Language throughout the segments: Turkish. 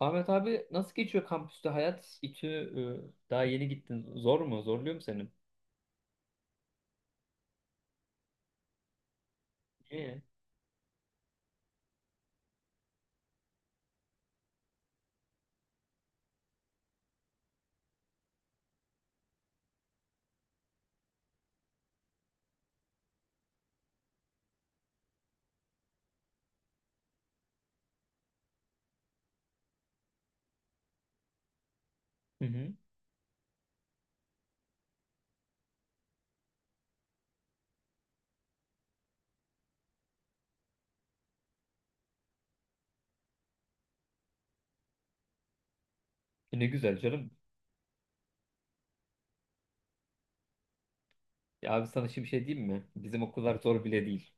Ahmet abi, nasıl geçiyor kampüste hayat? İTÜ. Daha yeni gittin. Zor mu? Zorluyor mu seni? İyi. Hı hı. E ne güzel canım. Ya abi, sana şimdi bir şey diyeyim mi? Bizim okullar zor bile değil.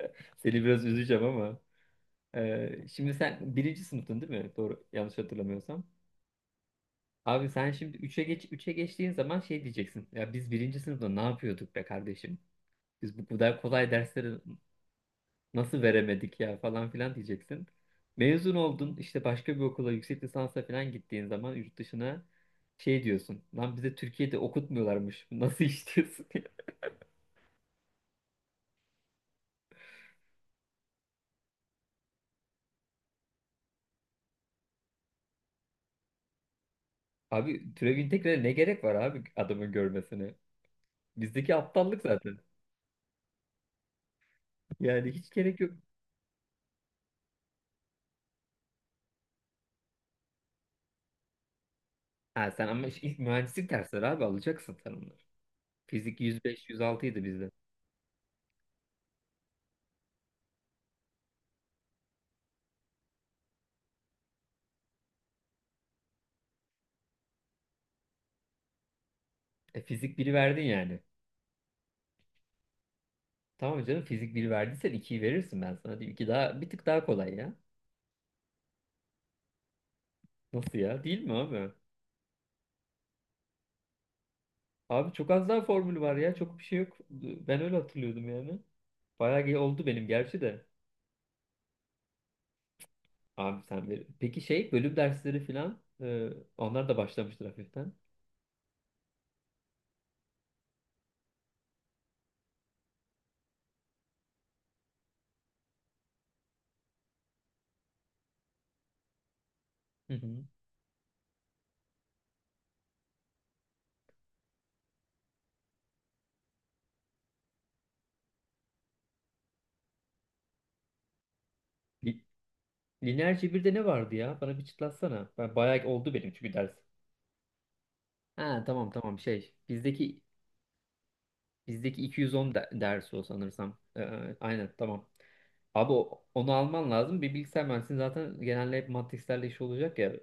Seni biraz üzeceğim ama. Şimdi sen birinci sınıftın değil mi? Doğru. Yanlış hatırlamıyorsam. Abi sen şimdi üçe geç, üçe geçtiğin zaman şey diyeceksin. Ya biz birinci sınıfta ne yapıyorduk be kardeşim? Biz bu kadar kolay dersleri nasıl veremedik ya falan filan diyeceksin. Mezun oldun, işte başka bir okula yüksek lisansa falan gittiğin zaman yurt dışına şey diyorsun. Lan bize Türkiye'de okutmuyorlarmış. Nasıl iş diyorsun ya? Abi türevin integrale ne gerek var abi adamın görmesine? Bizdeki aptallık zaten. Yani hiç gerek yok. Ha sen ama işte ilk mühendislik dersleri abi, alacaksın sen onları. Fizik 105-106 idi bizde. E, fizik 1'i verdin yani. Tamam canım, fizik 1 verdiysen 2'yi verirsin, ben sana diyeyim. 2 daha bir tık daha kolay ya. Nasıl ya? Değil mi abi? Abi çok az daha formül var ya. Çok bir şey yok. Ben öyle hatırlıyordum yani. Oldu benim gerçi de. Abi sen ver. Peki şey, bölüm dersleri falan onlar da başlamıştır hafiften. Hı hı. Li- Lineer cebirde ne vardı ya? Bana bir çıtlatsana. Ben bayağı oldu benim çünkü ders. Ha tamam tamam şey. Bizdeki dersi o sanırsam. E, aynen tamam. Abi onu alman lazım. Bir bilgisayar mühendisliği zaten genelde hep matrixlerle iş olacak ya.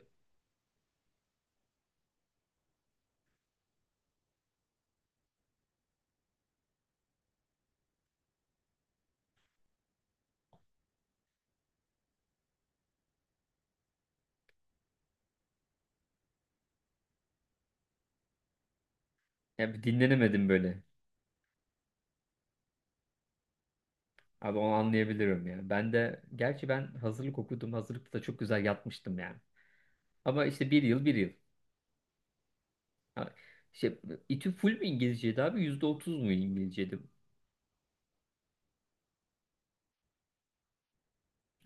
Ya bir dinlenemedim böyle. Abi onu anlayabilirim ya. Ben de, gerçi ben hazırlık okudum. Hazırlıkta da çok güzel yatmıştım yani. Ama işte bir yıl bir yıl. Ha, İşte İTÜ full mü İngilizceydi abi? Yüzde otuz mu İngilizceydi?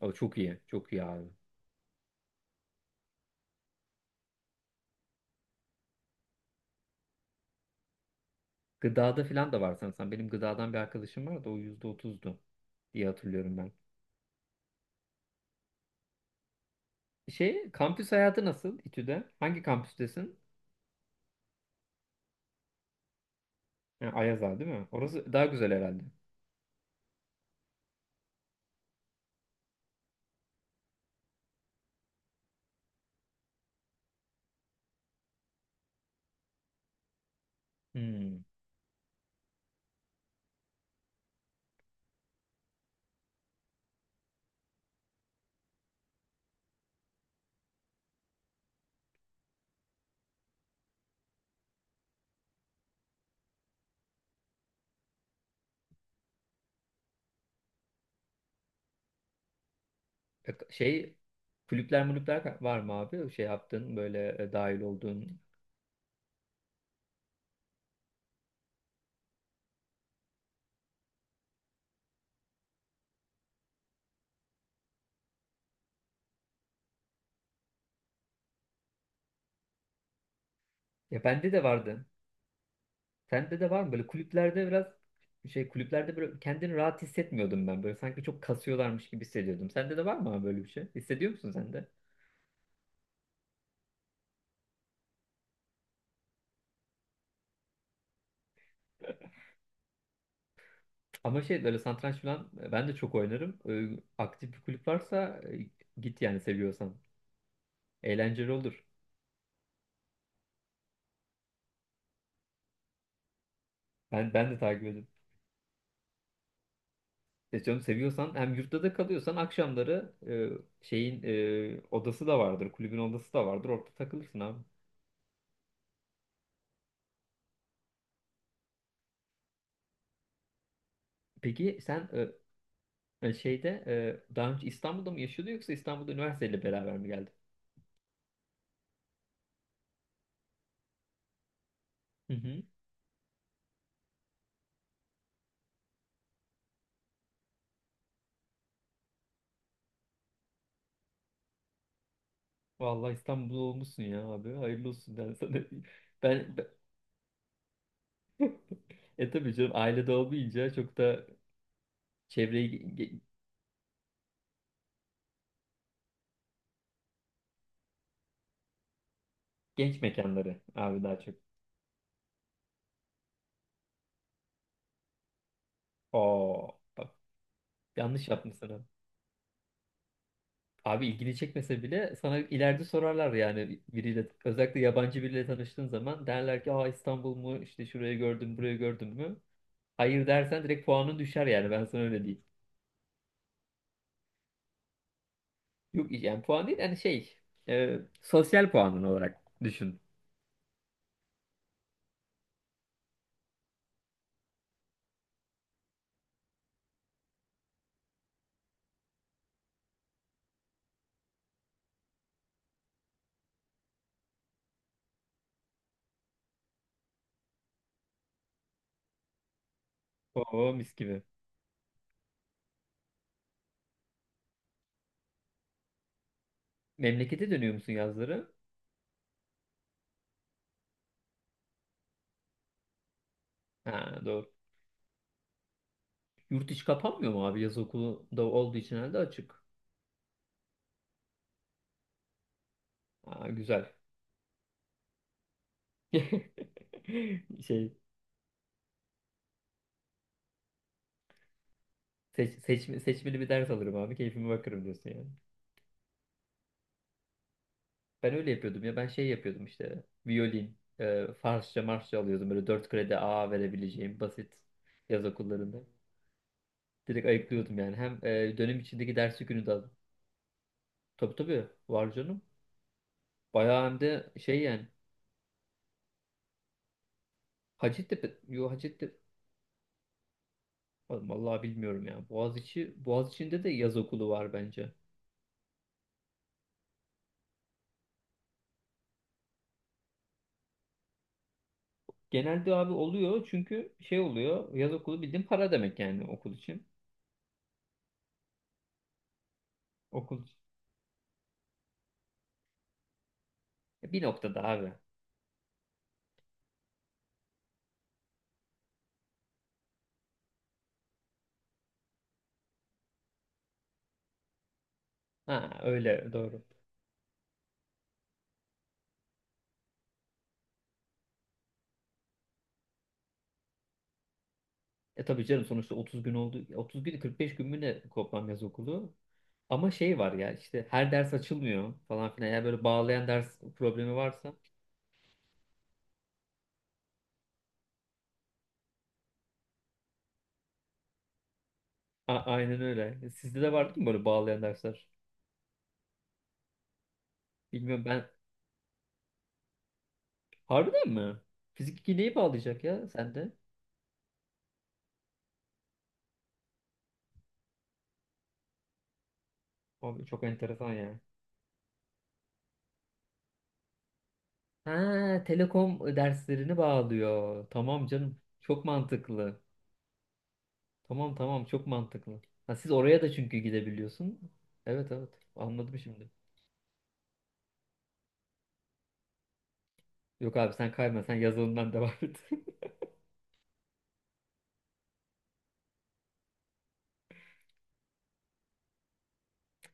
O çok iyi. Çok iyi abi. Gıdada falan da var sanırsam. Benim gıdadan bir arkadaşım vardı. O yüzde otuzdu diye hatırlıyorum ben. Şey, kampüs hayatı nasıl İTÜ'de? Hangi kampüstesin? Ha, Ayaza değil mi? Orası daha güzel herhalde. Hmm. E şey, kulüpler mulüpler var mı abi? Şey yaptığın böyle dahil olduğun. Ya bende de vardı. Sende de var mı? Böyle kulüplerde biraz şey, kulüplerde böyle kendini rahat hissetmiyordum ben. Böyle sanki çok kasıyorlarmış gibi hissediyordum. Sende de var mı abi böyle bir şey? Hissediyor musun sen de? Ama şey, böyle satranç falan, ben de çok oynarım. E, aktif bir kulüp varsa git yani, seviyorsan. Eğlenceli olur. Ben de takip ederim. E canım, seviyorsan, hem yurtta da kalıyorsan akşamları, şeyin, odası da vardır. Kulübün odası da vardır. Orada takılırsın abi. Peki sen e şeyde, daha önce İstanbul'da mı yaşıyordu, yoksa İstanbul'da üniversiteyle beraber mi geldi? Hı hı. Vallahi İstanbul'da olmuşsun ya abi. Hayırlı olsun ben sana. Ben, ben- E tabii canım, ailede olmayınca çok da çevreyi ge- ge- genç mekanları abi daha çok. Oo bak, yanlış yapmışsın abi. Abi, ilgini çekmese bile sana ileride sorarlar yani, biriyle özellikle yabancı biriyle tanıştığın zaman derler ki, aa İstanbul mu, işte şurayı gördüm burayı gördün mü? Hayır dersen direkt puanın düşer yani, ben sana öyle diyeyim. Yok yani puan değil, yani şey, sosyal puanın olarak düşün. Oo mis gibi. Memlekete dönüyor musun yazları? Ha doğru. Yurt içi kapanmıyor mu abi? Yaz okulu da olduğu için herhalde açık. Ha, güzel. Şey, seçmeli bir ders alırım abi, keyfime bakarım diyorsun yani. Ben öyle yapıyordum ya, ben şey yapıyordum işte, violin, Farsça, Marsça alıyordum, böyle 4 kredi A verebileceğim basit yaz okullarında. Direkt ayıklıyordum yani, hem dönem içindeki ders yükünü de. Tabii tabii, var canım. Bayağı, hem de şey yani, Hacettepe, vallahi bilmiyorum ya. Boğaziçi'nde de yaz okulu var bence. Genelde abi oluyor, çünkü şey oluyor. Yaz okulu bildiğin para demek yani okul için. Okul, bir noktada abi. Ha öyle, doğru. E tabii canım, sonuçta 30 gün oldu. 30 gün, 45 gün mü ne toplam yaz okulu? Ama şey var ya, işte her ders açılmıyor falan filan. Eğer böyle bağlayan ders problemi varsa. A- aynen öyle. E, sizde de vardı mı böyle bağlayan dersler? Bilmiyorum ben. Harbiden mi? Fizik 2 neyi bağlayacak ya sende? Abi çok enteresan ya. Ha, telekom derslerini bağlıyor. Tamam canım. Çok mantıklı. Tamam tamam, çok mantıklı. Ha, siz oraya da çünkü gidebiliyorsun. Evet evet, anladım şimdi. Yok abi sen kayma, sen yazılımdan devam et.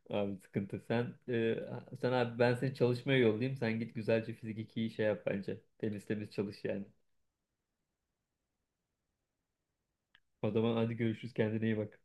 Abi sıkıntı. Sen abi, ben seni çalışmaya yollayayım. Sen git güzelce fizik 2'yi şey yap bence. Temiz temiz çalış yani. O zaman hadi görüşürüz, kendine iyi bak.